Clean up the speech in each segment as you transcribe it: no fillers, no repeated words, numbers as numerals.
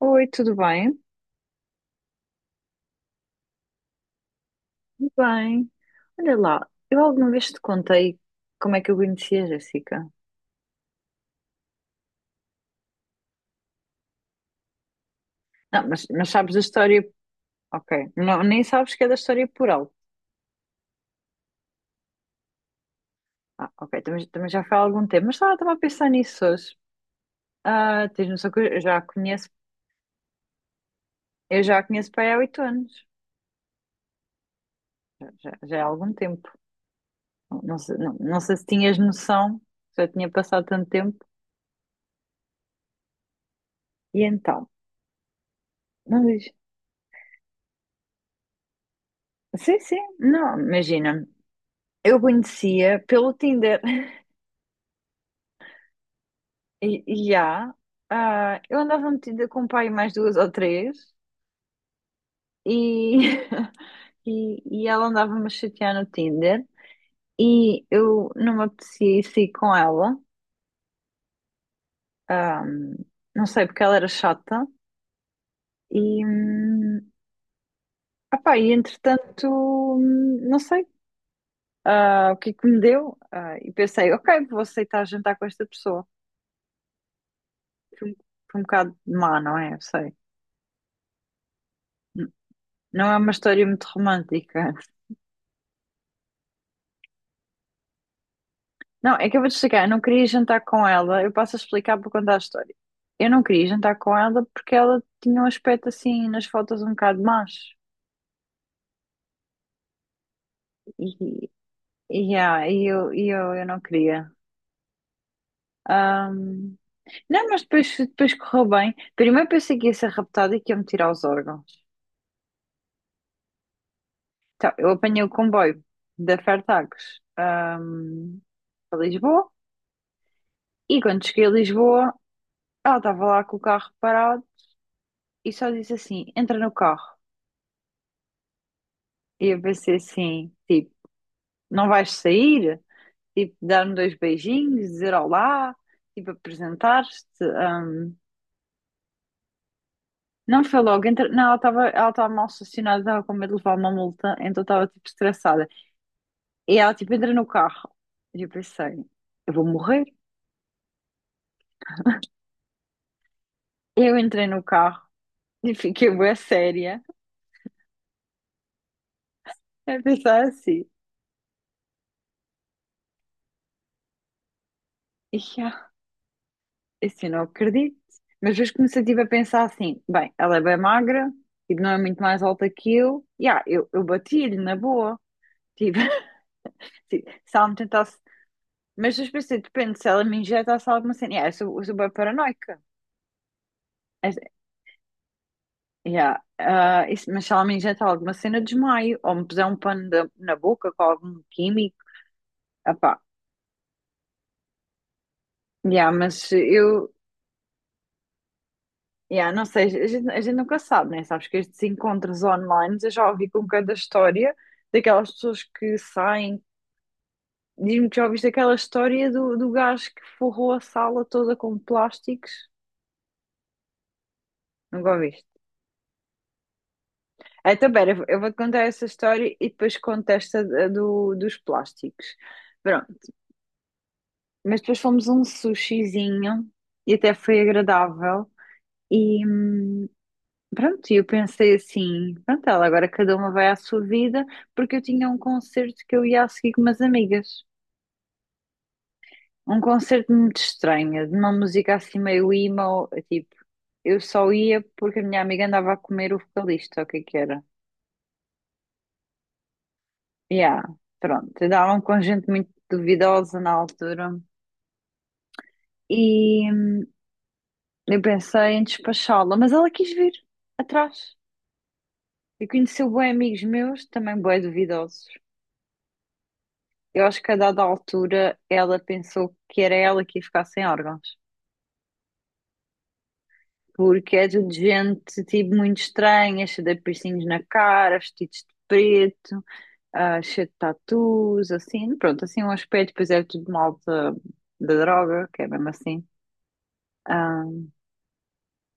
Oi, tudo bem? Tudo bem, olha lá, eu alguma vez te contei como é que eu conheci a Jéssica? Não, mas sabes da história. Ok, não, nem sabes que é da história por alto. Ah, ok, também já foi há algum tempo, mas estava a pensar nisso hoje. Ah, tens noção que eu já a conheço, eu já a conheço para aí há 8 anos, já há algum tempo. Não, não sei se tinhas noção, se já tinha passado tanto tempo. E então, não diz, sim, sim, não, imagina, eu conhecia pelo Tinder. E, e há. Ah, eu andava metida com o pai mais duas ou três e, e ela andava-me a chatear no Tinder e eu não me apetecia ir sair com ela. Ah, não sei, porque ela era chata e, opá, e entretanto, não sei, ah, o que é que me deu. Ah, e pensei, ok, vou aceitar jantar com esta pessoa. Foi um, foi um bocado má, não é? Eu sei. N- Não é uma história muito romântica. Não, é que eu vou te explicar, eu não queria jantar com ela, eu passo a explicar para contar a história. Eu não queria jantar com ela porque ela tinha um aspecto assim nas fotos um bocado macho. E, e eu não queria. Ahm, não, mas depois correu bem. Primeiro pensei que ia ser raptada e que ia me tirar os órgãos. Então, eu apanhei o comboio da Fertagos, para Lisboa, e quando cheguei a Lisboa, ela estava lá com o carro parado e só disse assim: entra no carro. E eu pensei assim, tipo, não vais sair? Tipo, dar-me dois beijinhos, dizer olá, tipo, apresentar-te. hum. Não foi logo, não, ela estava mal estacionada, estava com medo de levar uma multa, então estava tipo estressada. E ela tipo entra no carro. E eu pensei, eu vou morrer. Eu entrei no carro e fiquei bué séria a pensar assim. e Assim, não acredito. Mas depois comecei tipo, a pensar assim: bem, ela é bem magra, tipo, não é muito mais alta que eu. Yeah, eu bati-lhe na boa. Tipo, se ela me tentasse. Mas depois pensei: depende, se ela me injetasse alguma cena. Yeah, eu sou bem paranoica. Mas, Yeah, ah, isso, mas se ela me injeta alguma cena, desmaio. Ou me puser um pano na boca com algum químico. Epá, yeah, Yeah, não sei, a gente nunca sabe, né? Sabes que estes encontros online, eu já ouvi com cada história daquelas pessoas que saem. Diz-me que já ouviste aquela história do gajo que forrou a sala toda com plásticos. Nunca ouviste. É, então, pera, eu vou-te contar essa história e depois conto esta dos plásticos. Pronto, mas depois fomos a um sushizinho e até foi agradável. E, pronto, e eu pensei assim, pronto, ela agora cada uma vai à sua vida, porque eu tinha um concerto que eu ia a seguir com umas amigas. Um concerto muito estranho, de uma música assim meio emo, tipo, eu só ia porque a minha amiga andava a comer o vocalista, o que é que era? Yeah, pronto, andavam com gente muito duvidosa na altura. E eu pensei em despachá-la, mas ela quis vir atrás. E conheceu bué amigos meus, também bué duvidosos. Eu acho que a dada altura ela pensou que era ela que ia ficar sem órgãos. Porque é tudo gente tipo muito estranha, cheia de piercings na cara, vestidos de preto, ah, cheia de tatus, assim, pronto, assim é um aspecto, pois é tudo malta da droga, que é mesmo assim. Ah,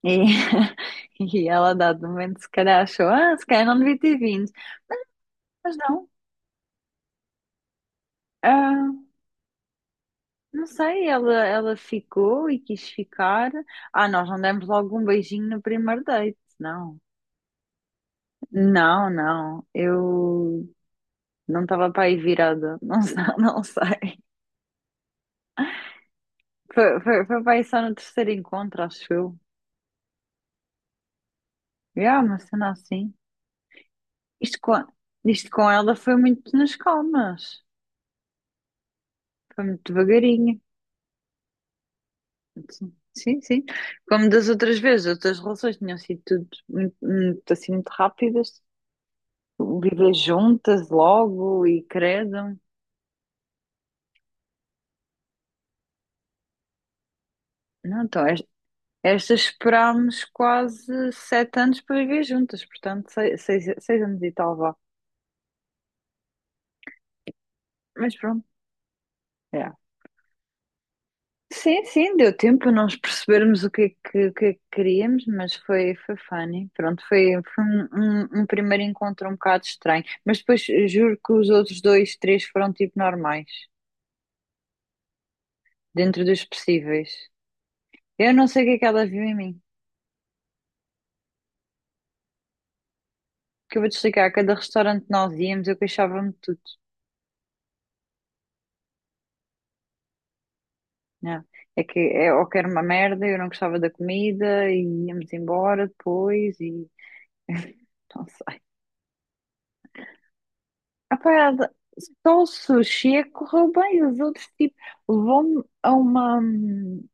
e, e ela, a dado momento, se calhar achou, ah, se calhar não devia ter vindo. Mas não, ah, não sei, ela ficou e quis ficar. Ah, nós não demos logo um beijinho no primeiro date, não. Não, não. Eu não estava para aí virada. Não, não sei. Foi para aí só no terceiro encontro, acho eu. Yeah, uma cena assim. Isto com, isto com ela foi muito nas calmas. Foi muito devagarinho. Sim, sim, sim. Como das outras vezes, outras relações tinham sido tudo muito, muito, assim, muito rápidas. Viver juntas logo e credo. Não, então é Estas esperámos quase 7 anos para viver juntas, portanto, seis anos e tal, vá. Mas pronto, é. Sim, sim, deu tempo para nós percebermos o que é que queríamos, mas foi funny. Pronto, foi um primeiro encontro um bocado estranho. Mas depois juro que os outros dois, três foram tipo normais, dentro dos possíveis. Eu não sei o que é que ela viu em mim, que eu vou te explicar. A cada restaurante que nós íamos, eu queixava-me. Não. É que é, ou que era uma merda, eu não gostava da comida e íamos embora depois e não sei. Epá, só o sushi é que correu bem, os outros tipo levou-me a uma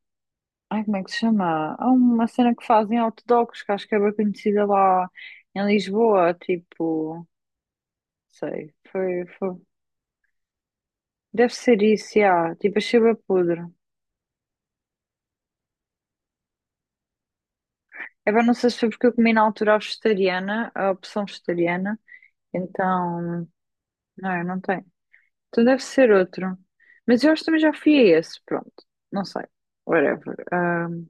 ai, como é que se chama? A uma cena que fazem hot dogs, que acho que é bem conhecida lá em Lisboa, tipo, não sei, foi, foi. Deve ser isso, já. Tipo, achei bem podre. É bem, não sei se foi porque eu comi na altura a vegetariana, a opção vegetariana, então. Não, eu não tenho. Então deve ser outro. Mas eu acho que também já fui a esse. Pronto. Não sei. Whatever.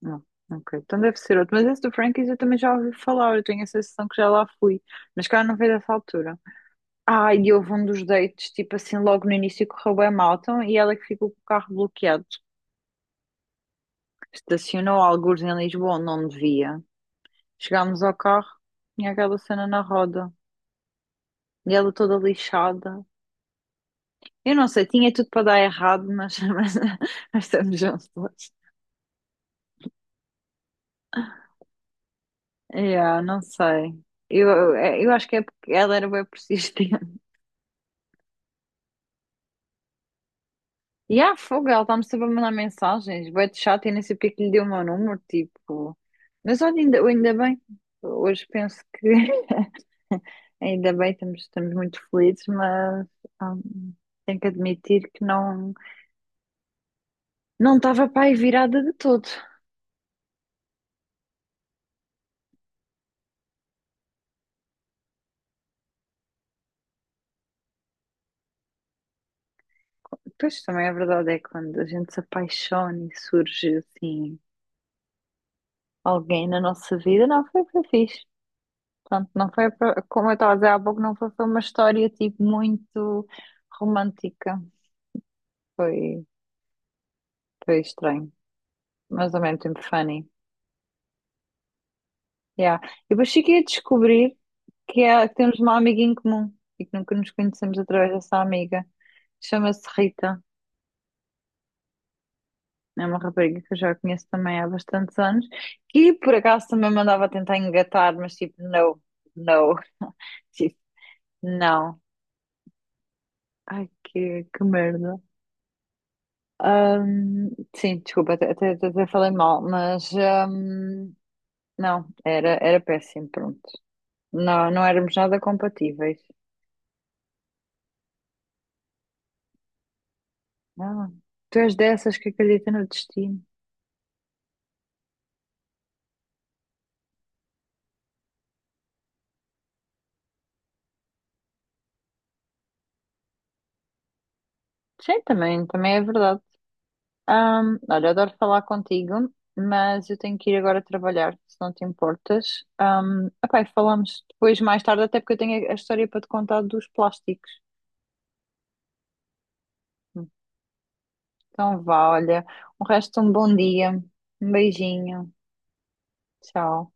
Não. Ok. Então deve ser outro. Mas esse do Frankie's eu também já ouvi falar. Eu tenho a sensação que já lá fui. Mas cara, não veio dessa altura. Ah, e houve um dos dates, tipo assim, logo no início correu bem mal. Então, e ela é que ficou com o carro bloqueado. Estacionou algures em Lisboa onde não devia. Chegámos ao carro. Tinha aquela cena na roda. E ela toda lixada. Eu não sei, tinha tudo para dar errado, mas, mas estamos juntos. Yeah, não sei. Eu, eu, eu acho que é porque ela era bem persistente. E há fogo, ela está-me sempre a mandar mensagens. Bué de chato, eu nem sei porque que lhe deu o meu número, tipo. Mas olha, ainda bem. Hoje penso que ainda bem, estamos muito felizes, mas hum, tenho que admitir que não estava para aí virada de todo. Pois também a verdade é que quando a gente se apaixona e surge assim alguém na nossa vida, não foi, foi fixe. Pronto, não foi, como eu estava a dizer há pouco, não foi uma história tipo muito romântica. Foi, foi estranho, mas ao mesmo tempo funny. Yeah. E depois cheguei a descobrir que, é, que temos uma amiga em comum e que nunca nos conhecemos através dessa amiga. Chama-se Rita. É uma rapariga que eu já conheço também há bastantes anos, que por acaso também me andava a tentar engatar, mas tipo, não, não, tipo, não. Ai, que merda. Ahm, sim, desculpa, até falei mal, mas não, era péssimo, pronto. Não, não éramos nada compatíveis. Ah, tu és dessas que acredita no destino. Sim, também é verdade. Olha, adoro falar contigo, mas eu tenho que ir agora trabalhar, se não te importas. Epá, e falamos depois, mais tarde, até porque eu tenho a história para te contar dos plásticos. Então vá, olha, o resto um bom dia, um beijinho, tchau.